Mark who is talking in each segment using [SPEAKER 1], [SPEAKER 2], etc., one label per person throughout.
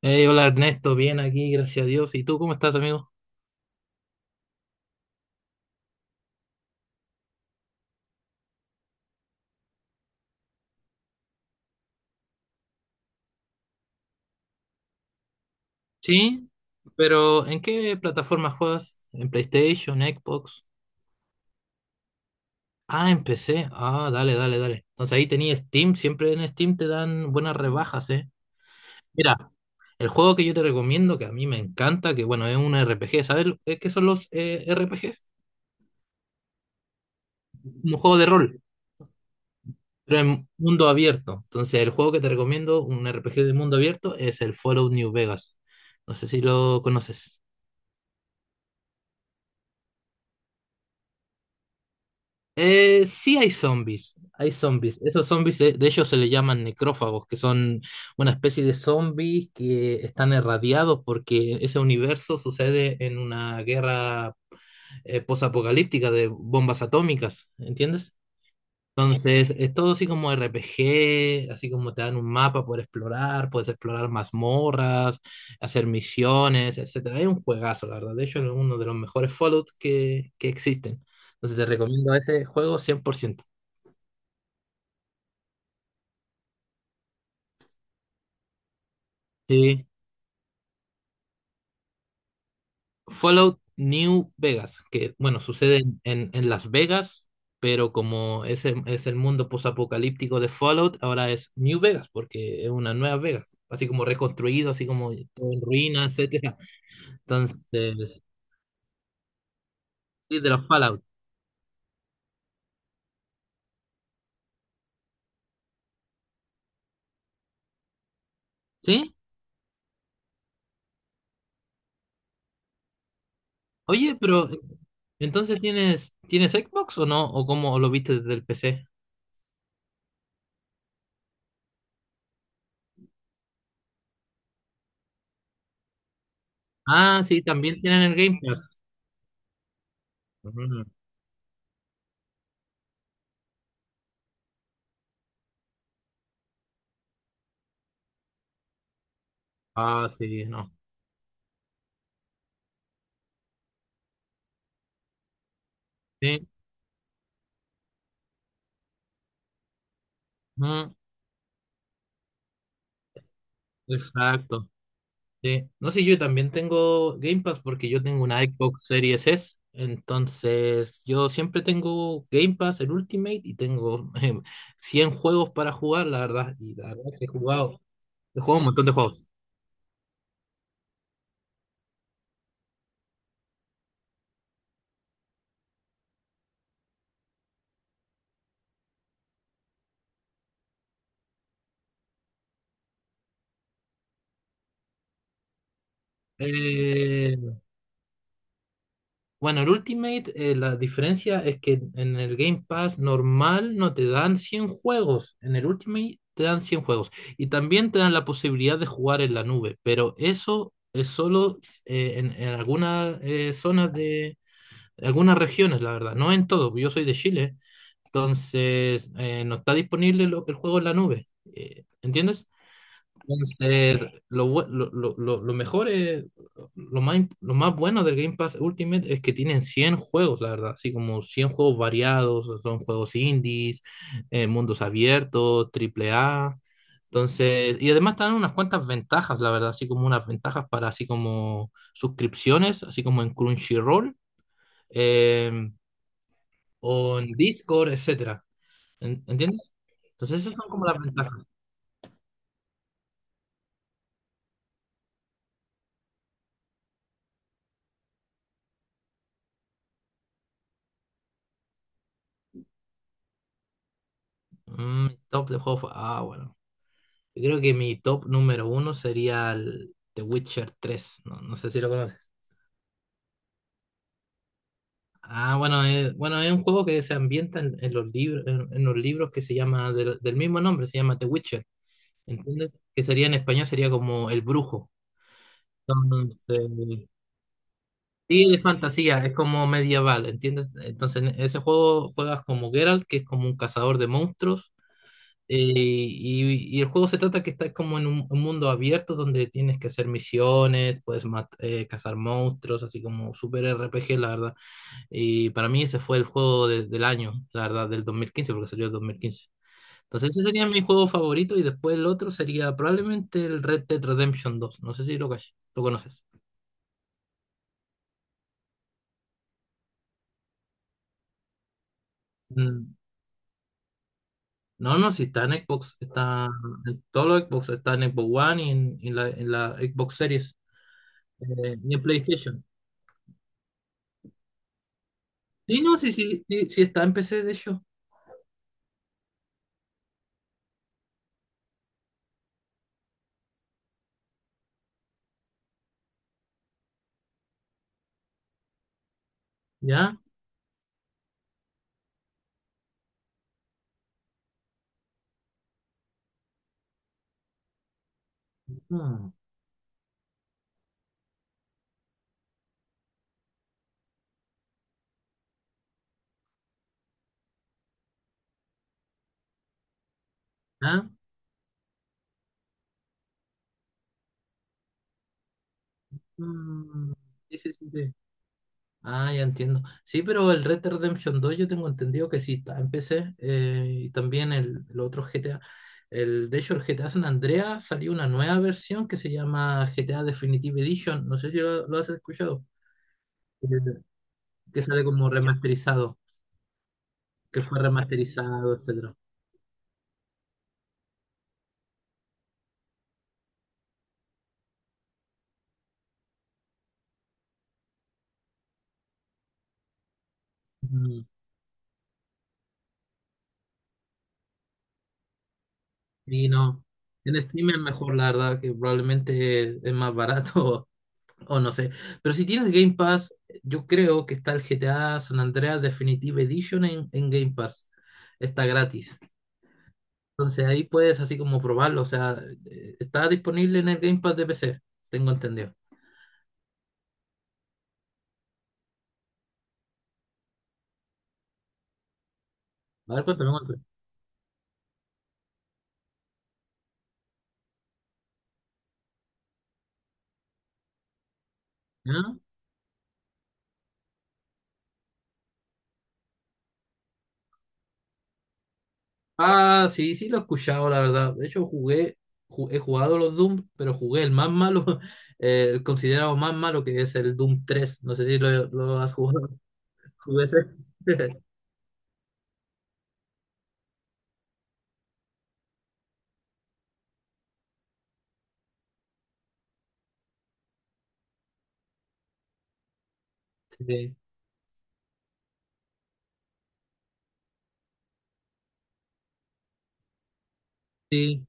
[SPEAKER 1] Hey, hola Ernesto, bien aquí, gracias a Dios. ¿Y tú cómo estás, amigo? Sí, pero ¿en qué plataforma juegas? ¿En PlayStation, Xbox? Ah, en PC. Ah, dale. Entonces ahí tenías Steam, siempre en Steam te dan buenas rebajas, ¿eh? Mira, el juego que yo te recomiendo, que a mí me encanta, que bueno, es un RPG. ¿ Qué son los RPGs? Un juego de rol, pero en mundo abierto. Entonces el juego que te recomiendo, un RPG de mundo abierto, es el Fallout New Vegas. No sé si lo conoces. Sí hay zombies, hay zombies. Esos zombies de ellos se le llaman necrófagos, que son una especie de zombies que están irradiados porque ese universo sucede en una guerra posapocalíptica de bombas atómicas, ¿entiendes? Entonces, es todo así como RPG, así como te dan un mapa por explorar, puedes explorar mazmorras, hacer misiones, etcétera. Es un juegazo, la verdad. De hecho, es uno de los mejores Fallout que existen. Entonces te recomiendo este juego 100%. Sí, Fallout New Vegas, que bueno, sucede en Las Vegas, pero como es el mundo posapocalíptico de Fallout, ahora es New Vegas, porque es una nueva Vegas, así como reconstruido, así como todo en ruinas, etcétera. Entonces, sí, de los Fallout. ¿Sí? Oye, pero entonces tienes, ¿tienes Xbox o no? ¿O cómo lo viste desde el PC? Ah, sí, también tienen el Game Pass. Ujú. Ah, sí, no. Sí. Mm, exacto. Sí. No sé, yo también tengo Game Pass porque yo tengo una Xbox Series S. Entonces, yo siempre tengo Game Pass, el Ultimate, y tengo 100 juegos para jugar, la verdad. Y la verdad que he he jugado un montón de juegos. Eh, Bueno, el Ultimate, la diferencia es que en el Game Pass normal no te dan 100 juegos, en el Ultimate te dan 100 juegos y también te dan la posibilidad de jugar en la nube, pero eso es solo en algunas zonas de algunas regiones, la verdad, no en todo, porque yo soy de Chile, entonces no está disponible el juego en la nube, ¿entiendes? Entonces, lo mejor es, lo más bueno del Game Pass Ultimate es que tienen 100 juegos, la verdad, así como 100 juegos variados, son juegos indies, mundos abiertos, triple A. Entonces, y además te dan unas cuantas ventajas, la verdad, así como unas ventajas para así como suscripciones, así como en Crunchyroll, eh, o en Discord, etcétera. ¿Entiendes? Entonces, esas son como las ventajas. Mm, top de juegos. Ah, bueno. Yo creo que mi top número uno sería el The Witcher 3. No, no sé si lo conoces. Ah, bueno, es un juego que se ambienta en los en los libros que se llama del mismo nombre, se llama The Witcher. ¿Entiendes? Que sería en español, Sería como El Brujo. Entonces, sí, de fantasía, es como medieval, ¿entiendes? Entonces, en ese juego juegas como Geralt, que es como un cazador de monstruos. Eh, y, y el juego se trata que estás como en un mundo abierto donde tienes que hacer misiones, puedes cazar monstruos, así como super RPG, la verdad. Y para mí ese fue el juego del año, la verdad, del 2015 porque salió el 2015. Entonces ese sería mi juego favorito y después el otro sería probablemente el Red Dead Redemption 2. No sé si lo conoces. Mm, No, no, si está en Xbox, está en todos los Xbox, está en Xbox One en la Xbox Series y en PlayStation. Sí, no, sí, sí, sí, sí está en PC, de hecho. ¿Ya? Mm. ¿Ah? Mm, sí. Ah, ya entiendo. Sí, pero el Red Dead Redemption 2 yo tengo entendido que sí está en PC y también el otro GTA. De hecho, el GTA San Andreas salió una nueva versión que se llama GTA Definitive Edition. No sé si lo has escuchado. Eh, Que sale como remasterizado, que fue remasterizado, etcétera. Mm, sí, no. En Steam es mejor, la verdad, que probablemente es más barato. O no sé. Pero si tienes Game Pass, yo creo que está el GTA San Andreas Definitive Edition en Game Pass. Está gratis. Entonces ahí puedes así como probarlo. O sea, está disponible en el Game Pass de PC. Tengo entendido. A ver, cuéntame, cuéntame. ¿Ah? Ah, sí, sí lo he escuchado, la verdad. De hecho, he jugado los Doom, pero jugué el más malo, el considerado más malo, que es el Doom 3. No sé si lo has jugado. Jugué ese. Sí. Sí.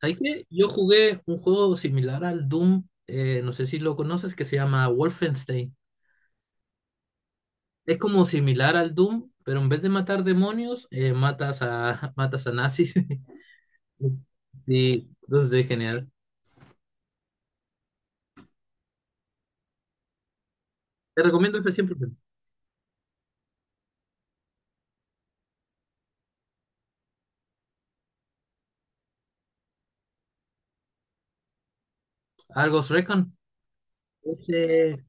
[SPEAKER 1] ¿Sabes qué? Yo jugué un juego similar al Doom, no sé si lo conoces, que se llama Wolfenstein. Es como similar al Doom, pero en vez de matar demonios, matas a, matas a nazis. Sí, entonces es genial. Te recomiendo ese 100%. Al Ghost Recon. Ese,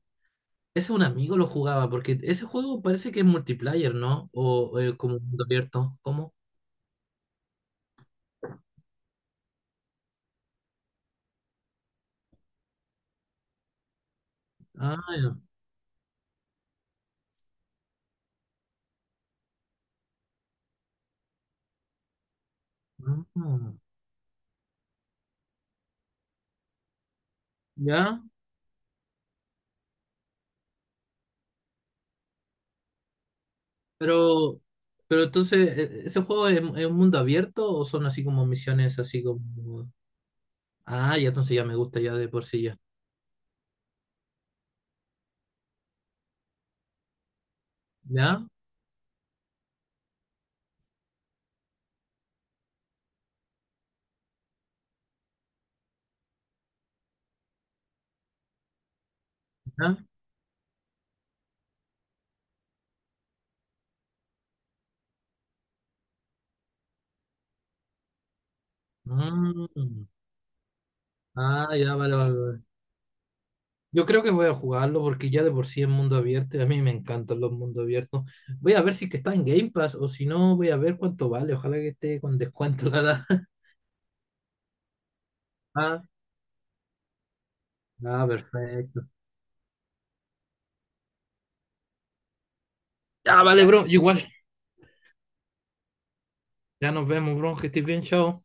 [SPEAKER 1] Ese un amigo lo jugaba, porque ese juego parece que es multiplayer, ¿no? O como mundo abierto. ¿Cómo? Ah, ya. Ah, ya. Pero, pero entonces, ¿ese juego es un mundo abierto o son así como misiones así como... Ah, ya entonces ya me gusta ya de por sí ya. ¿Ya? ¿Ya? Mm. Ah, ya, vale. Yo creo que voy a jugarlo porque ya de por sí es mundo abierto y a mí me encantan los mundos abiertos. Voy a ver si es que está en Game Pass o si no, voy a ver cuánto vale. Ojalá que esté con descuento, la verdad. Ah, ah, perfecto. Ya, vale, bro. Igual. Ya nos vemos, bro. Que estés bien, chao.